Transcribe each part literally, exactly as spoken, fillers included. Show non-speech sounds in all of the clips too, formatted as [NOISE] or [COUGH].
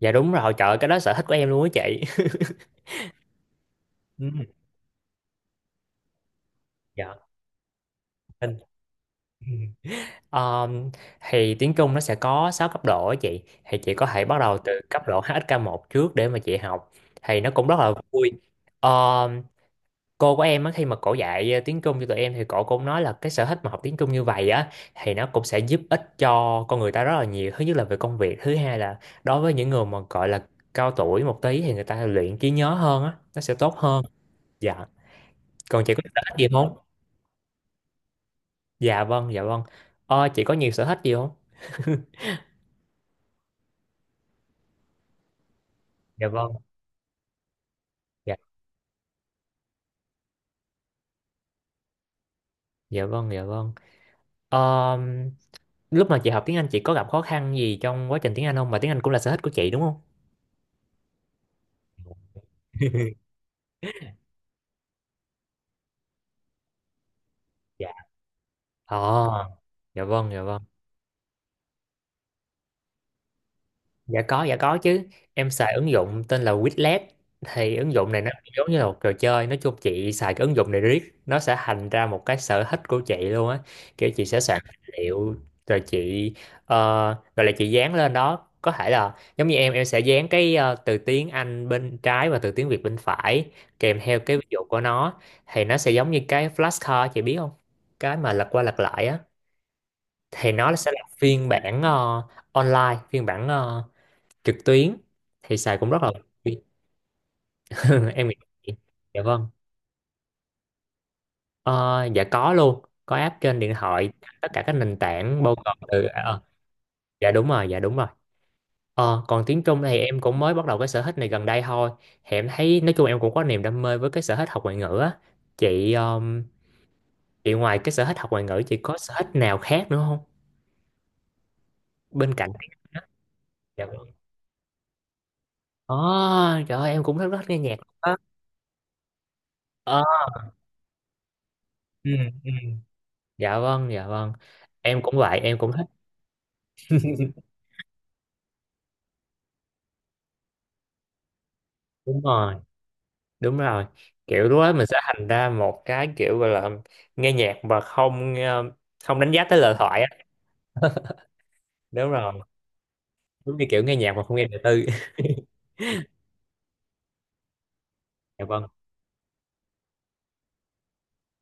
Dạ đúng rồi, trời ơi, cái đó sở thích của em luôn á chị. [LAUGHS] Ừ. Dạ. Tin. Ừ. Ờm, thì tiếng Trung nó sẽ có sáu cấp độ á chị. Thì chị có thể bắt đầu từ cấp độ hát ét ca một trước để mà chị học. Thì nó cũng rất là vui. Ờm, cô của em á, khi mà cổ dạy ờ, tiếng Trung cho tụi em thì cổ cũng nói là cái sở thích mà học tiếng Trung như vậy á thì nó cũng sẽ giúp ích cho con người ta rất là nhiều. Thứ nhất là về công việc, thứ hai là đối với những người mà gọi là cao tuổi một tí thì người ta luyện trí nhớ hơn á, nó sẽ tốt hơn. Dạ. Còn chị có sở thích gì không? Dạ vâng, dạ vâng. Ờ, chị có nhiều sở thích gì không? Dạ vâng. Dạ, dạ vâng, dạ vâng. Ờ, lúc mà chị học tiếng Anh chị có gặp khó khăn gì trong quá trình tiếng Anh không? Mà tiếng Anh cũng là sở thích của chị đúng không? [LAUGHS] Dạ. Ờ, dạ vâng, dạ vâng. Dạ có, dạ có chứ. Em xài ứng dụng tên là Quizlet. Thì ứng dụng này nó giống như là một trò chơi. Nói chung chị xài cái ứng dụng này riết. Nó sẽ thành ra một cái sở thích của chị luôn á. Kiểu chị sẽ soạn tài liệu. Rồi chị, ờ, rồi là chị dán lên đó. Có thể là giống như em, em, sẽ dán cái ờ, từ tiếng Anh bên trái và từ tiếng Việt bên phải. Kèm theo cái ví dụ của nó. Thì nó sẽ giống như cái flashcard chị biết không? Cái mà lật qua lật lại á. Thì nó sẽ là phiên bản ờ, online. Phiên bản ờ, trực tuyến thì xài cũng rất là [LAUGHS] em nghĩ. Dạ vâng. Ờ, dạ có, luôn có app trên điện thoại, tất cả các nền tảng bao gồm từ à, ờ, dạ đúng rồi, dạ đúng rồi. Ờ, còn tiếng Trung thì em cũng mới bắt đầu cái sở thích này gần đây thôi. Thì em thấy nói chung em cũng có niềm đam mê với cái sở thích học ngoại ngữ á chị. Um, chị ngoài cái sở thích học ngoại ngữ chị có sở thích nào khác nữa không, bên cạnh tiếng Anh á? Dạ vâng. Ờ, trời ơi, em cũng rất rất nghe nhạc đó. Ờ. Ừ, ừ. Dạ vâng, dạ vâng. Em cũng vậy, em cũng thích. Đúng rồi, đúng rồi. Kiểu lúc đó mình sẽ thành ra một cái kiểu gọi là nghe nhạc mà không ờ, không đánh giá tới lời thoại á. Đúng rồi. Đúng như kiểu nghe nhạc mà không nghe đời tư. [LAUGHS] Dạ vâng.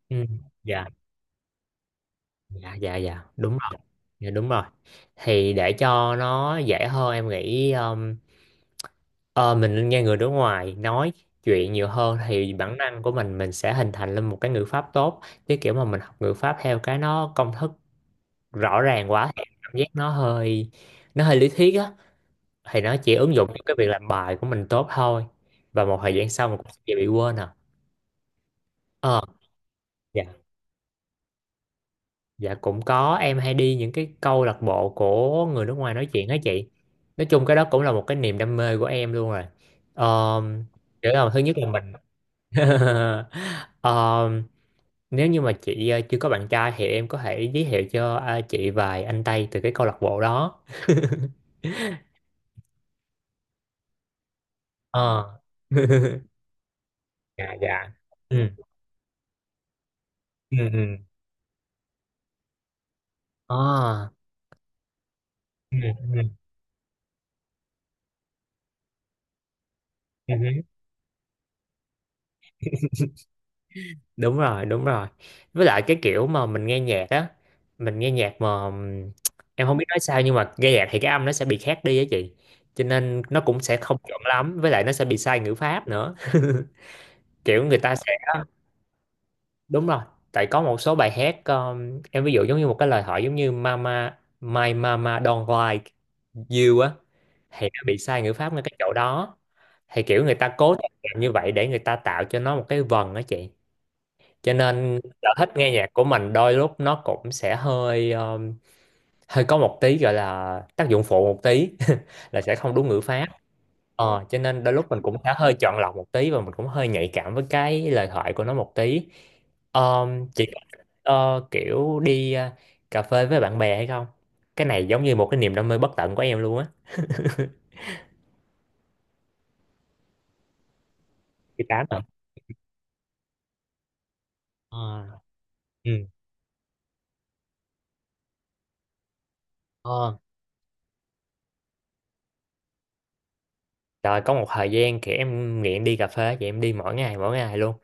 Ừ. Dạ, dạ, dạ, dạ đúng rồi, dạ đúng rồi. Thì để cho nó dễ hơn em nghĩ, um, ờ, mình nên nghe người nước ngoài nói chuyện nhiều hơn thì bản năng của mình mình sẽ hình thành lên một cái ngữ pháp tốt, chứ kiểu mà mình học ngữ pháp theo cái nó công thức rõ ràng quá em cảm giác nó hơi nó hơi lý thuyết á. Thì nó chỉ ứng dụng cho cái việc làm bài của mình tốt thôi, và một thời gian sau mình cũng sẽ bị quên à. Ờ dạ, dạ cũng có, em hay đi những cái câu lạc bộ của người nước ngoài nói chuyện á chị. Nói chung cái đó cũng là một cái niềm đam mê của em luôn rồi. Um, kiểu là thứ nhất là mình. [LAUGHS] Ờm, nếu như mà chị ờ, chưa có bạn trai thì em có thể giới thiệu cho ờ, chị vài anh Tây từ cái câu lạc bộ đó. Ờ. [LAUGHS] Dạ, dạ. Ừ, ừ, ừ. Ờ, ừ, ừ, ừ hứ. Đúng rồi, đúng rồi. Với lại cái kiểu mà mình nghe nhạc á, mình nghe nhạc mà, ừm, em không biết nói sao nhưng mà nghe nhạc thì cái âm nó sẽ bị khác đi á chị, cho nên nó cũng sẽ không chuẩn lắm, với lại nó sẽ bị sai ngữ pháp nữa. [LAUGHS] Kiểu người ta sẽ đúng rồi. Tại có một số bài hát, um, em ví dụ giống như một cái lời hỏi, giống như mama my mama don't like you á, thì nó bị sai ngữ pháp ngay cái chỗ đó. Thì kiểu người ta cố tình làm như vậy để người ta tạo cho nó một cái vần đó chị, cho nên sở thích nghe nhạc của mình đôi lúc nó cũng sẽ hơi um, hơi có một tí gọi là tác dụng phụ một tí. [LAUGHS] Là sẽ không đúng ngữ pháp. Ờ, cho nên đôi lúc mình cũng sẽ hơi chọn lọc một tí, và mình cũng hơi nhạy cảm với cái lời thoại của nó một tí. Um, chị có, ờ, kiểu đi ờ, cà phê với bạn bè hay không? Cái này giống như một cái niềm đam mê bất tận của em luôn á. Chị tám hả? Ờ. Ừ. Ờ. Rồi có một thời gian kiểu em nghiện đi cà phê. Vậy em đi mỗi ngày, mỗi ngày luôn.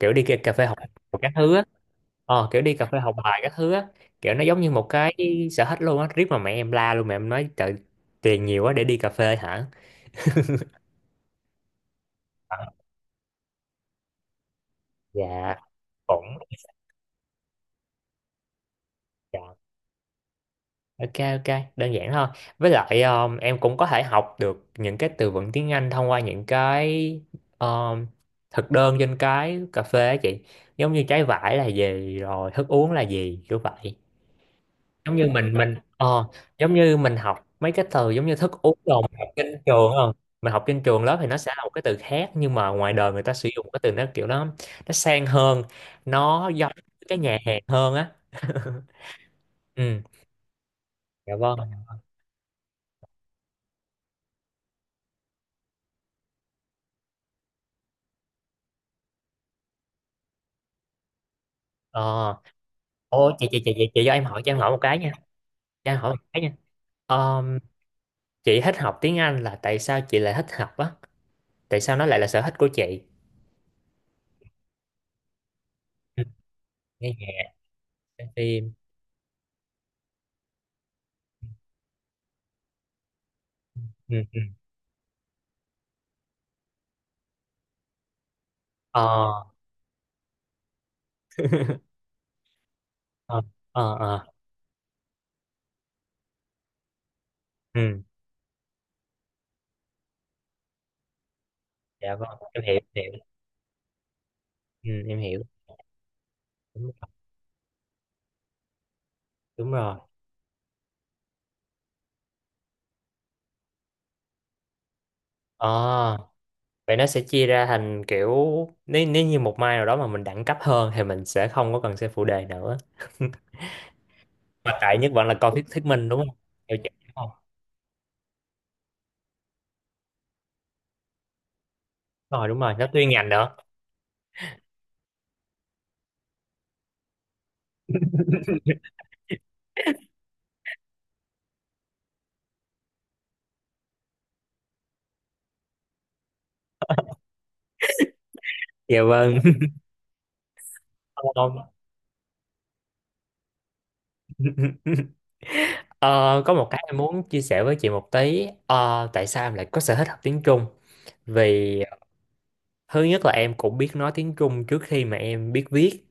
Kiểu đi cà phê học các thứ á. Ờ, kiểu đi cà phê học bài các thứ á. Kiểu nó giống như một cái sở thích luôn á. Riết mà mẹ em la luôn, mẹ em nói trời, tiền nhiều quá để đi cà phê hả? Ờ. Dạ cũng. Dạ. Ok, ok, đơn giản thôi. Với lại, um, em cũng có thể học được những cái từ vựng tiếng Anh thông qua những cái, um, thực đơn trên cái cà phê á chị. Giống như trái vải là gì rồi thức uống là gì, kiểu vậy. Giống như mình mình ờ giống như mình học mấy cái từ giống như thức uống đồ mình học trên trường không? Mình học trên trường lớp thì nó sẽ là một cái từ khác, nhưng mà ngoài đời người ta sử dụng cái từ nó kiểu nó nó sang hơn, nó giống cái nhà hàng hơn á. [LAUGHS] Ừ. Dạ vâng. ờ Ô chị chị chị chị chị cho em hỏi, cho em hỏi một cái nha, cho em hỏi một cái nha. Ờ, chị thích học tiếng Anh là tại sao chị lại thích học á, tại sao nó lại là sở thích của chị? Ừ, nghe nhạc, xem phim. Ừ, ừ. Ờ. [LAUGHS] Ờ, ờ, ờ. Ừ. Dạ vâng, em hiểu, em hiểu. Ừ, em hiểu. Đúng, đúng rồi. À, vậy nó sẽ chia ra thành kiểu, nếu nếu như một mai nào đó mà mình đẳng cấp hơn thì mình sẽ không có cần xem phụ đề nữa. [LAUGHS] Mà tại nhất vẫn là coi thuyết thuyết minh đúng không? Hiểu chưa? Đúng không? Đúng rồi, đúng rồi, nó chuyên ngành nữa. Dạ vâng. [LAUGHS] Không. [LAUGHS] Ờ, có một cái em muốn chia sẻ với chị một tí. Ờ, tại sao em lại có sở thích học tiếng Trung? Vì ờ, thứ nhất là em cũng biết nói tiếng Trung trước khi mà em biết viết.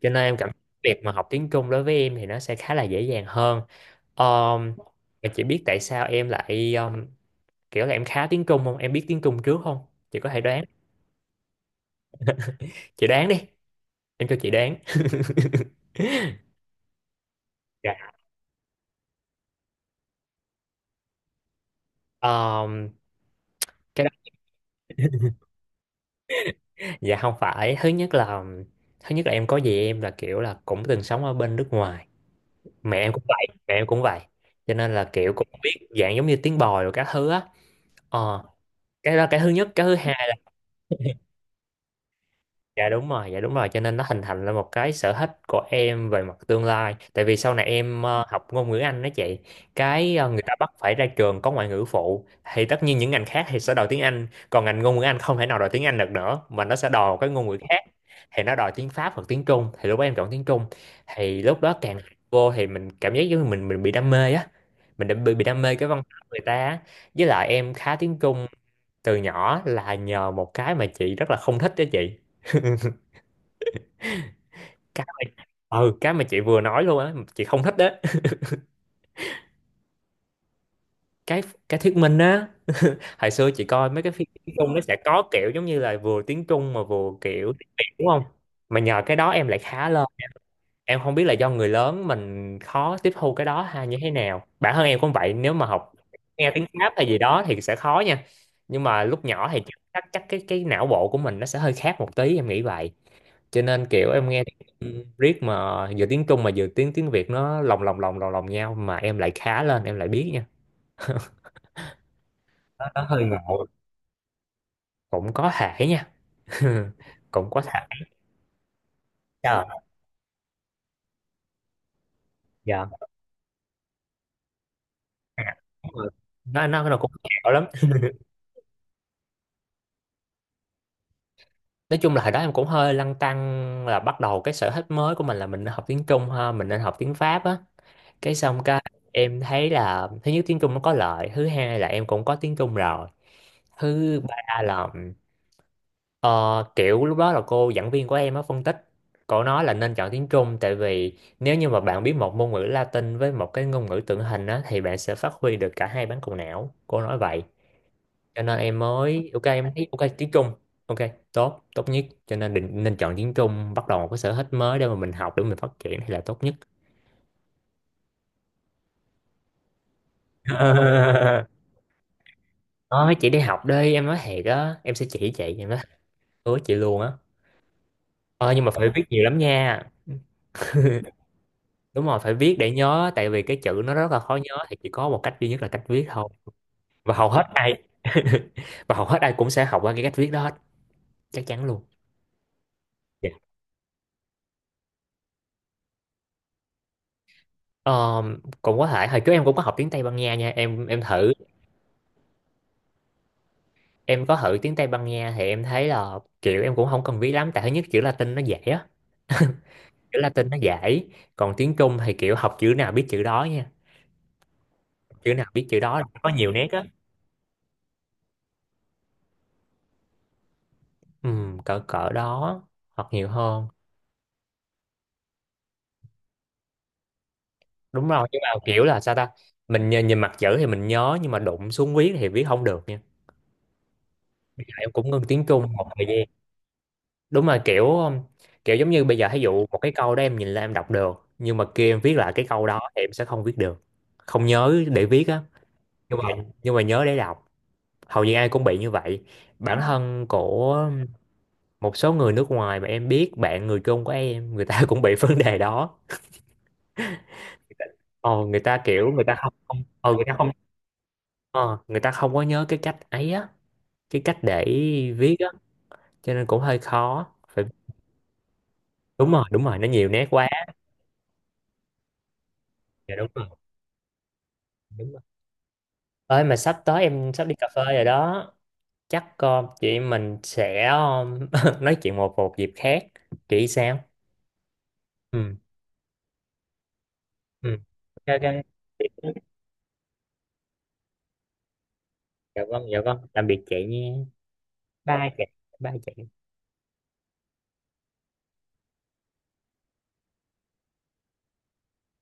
Cho nên em cảm thấy việc mà học tiếng Trung đối với em thì nó sẽ khá là dễ dàng hơn. um, em chỉ biết tại sao em lại, um, kiểu là em khá tiếng Trung không, em biết tiếng Trung trước không, chị có thể đoán. Chị đoán đi, em cho chị đoán. [LAUGHS] Dạ. Um, cái đó- dạ không phải, thứ nhất là thứ nhất là em có gì em là kiểu là cũng từng sống ở bên nước ngoài. Mẹ em cũng vậy, mẹ em cũng vậy. Cho nên là kiểu cũng biết dạng giống như tiếng bòi rồi các thứ á. ờ cái đó là cái thứ nhất, cái thứ hai. Dạ đúng rồi, dạ đúng rồi, cho nên nó hình thành lên một cái sở thích của em về mặt tương lai. Tại vì sau này em ờ, học ngôn ngữ Anh đó chị, cái ờ, người ta bắt phải ra trường có ngoại ngữ phụ, thì tất nhiên những ngành khác thì sẽ đòi tiếng Anh, còn ngành ngôn ngữ Anh không thể nào đòi tiếng Anh được nữa mà nó sẽ đòi một cái ngôn ngữ khác. Thì nó đòi tiếng Pháp hoặc tiếng Trung, thì lúc đó em chọn tiếng Trung. Thì lúc đó càng học vô thì mình cảm giác giống như mình mình bị đam mê á. Mình đã bị, bị đam mê cái văn hóa người ta á. Với lại em khá tiếng Trung từ nhỏ là nhờ một cái mà chị rất là không thích đó chị. [LAUGHS] cái mà- ừ cái mà chị vừa nói luôn á, chị không thích đấy. [LAUGHS] cái cái thuyết minh á, hồi xưa chị coi mấy cái phim tiếng Trung nó sẽ có kiểu giống như là vừa tiếng Trung mà vừa kiểu tiếng Việt đúng không, mà nhờ cái đó em lại khá lên. Em không biết là do người lớn mình khó tiếp thu cái đó hay như thế nào, bản thân em cũng vậy, nếu mà học nghe tiếng Pháp hay gì đó thì sẽ khó nha. Nhưng mà lúc nhỏ thì chắc chắc cái cái não bộ của mình nó sẽ hơi khác một tí, em nghĩ vậy. Cho nên kiểu em nghe riết mà vừa tiếng Trung mà vừa tiếng tiếng Việt, nó lồng lồng lồng lồng lồng nhau mà em lại khá lên, em lại biết nha. Nó, nó hơi ngộ, cũng có thể nha. [LAUGHS] Cũng có thể. Ờ, dạ. Đúng, nó nó nó cũng ngẹo lắm. Nói chung là hồi đó em cũng hơi lăn tăn, là bắt đầu cái sở thích mới của mình, là mình nên học tiếng Trung ha mình nên học tiếng Pháp á, cái xong cái em thấy là thứ nhất tiếng Trung nó có lợi, thứ hai là em cũng có tiếng Trung rồi, thứ ba là ờ, kiểu lúc đó là cô giảng viên của em á phân tích, cô nói là nên chọn tiếng Trung, tại vì nếu như mà bạn biết một ngôn ngữ Latin với một cái ngôn ngữ tượng hình á thì bạn sẽ phát huy được cả hai bán cầu não, cô nói vậy. Cho nên em mới ok, em thấy ok tiếng Trung ok, tốt tốt nhất, cho nên định nên chọn tiếng Trung, bắt đầu một cái sở thích mới để mà mình học để mình phát triển thì là tốt nhất. [LAUGHS] Nói chị đi học đi, em nói thiệt á, em sẽ chỉ chị, em nói hứa chị luôn á. Ờ nhưng mà phải viết nhiều lắm nha. Đúng rồi, phải viết để nhớ, tại vì cái chữ nó rất là khó nhớ thì chỉ có một cách duy nhất là cách viết thôi. Và hầu hết ai [LAUGHS] và hầu hết ai cũng sẽ học qua cái cách viết đó hết, chắc chắn luôn. Dạ. Ờ, cũng có thể. Hồi trước em cũng có học tiếng Tây Ban Nha nha, em em thử, em có thử tiếng Tây Ban Nha thì em thấy là kiểu em cũng không cần viết lắm, tại thứ nhất chữ Latin nó dễ á. [LAUGHS] Chữ Latin nó dễ, còn tiếng Trung thì kiểu học chữ nào biết chữ đó nha, chữ nào biết chữ đó, là có nhiều nét á. Ừ, cỡ cỡ đó, hoặc nhiều hơn. Đúng rồi, nhưng mà kiểu là sao ta, mình nhìn, nhìn mặt chữ thì mình nhớ, nhưng mà đụng xuống viết thì viết không được nha. Bây giờ em cũng ngưng tiếng Trung một thời gian. Đúng là kiểu um, kiểu giống như bây giờ, ví dụ một cái câu đó em nhìn lên em đọc được, nhưng mà kia em viết lại cái câu đó thì em sẽ không viết được, không nhớ để viết á. Nhưng mà nhưng mà nhớ để đọc, hầu như ai cũng bị như vậy. Bản thân của một số người nước ngoài mà em biết, bạn người Trung của em, người ta cũng bị [LAUGHS] vấn đề đó. Ờ, người ta kiểu người ta không không ờ, người ta không ờ, người ta không có nhớ cái cách ấy á, cái cách để viết á, cho nên cũng hơi khó phải. Đúng rồi đúng rồi nó nhiều nét quá. Dạ đúng rồi, đúng rồi. Ơi mà sắp tới em sắp đi cà phê rồi đó, chắc ờ, chị em mình sẽ ờ, [LAUGHS] nói chuyện một một dịp khác, chị sao. Ừ ừ, ok ok. Dạ vâng dạ vâng, tạm biệt chị nha. Bye chị, bye chị.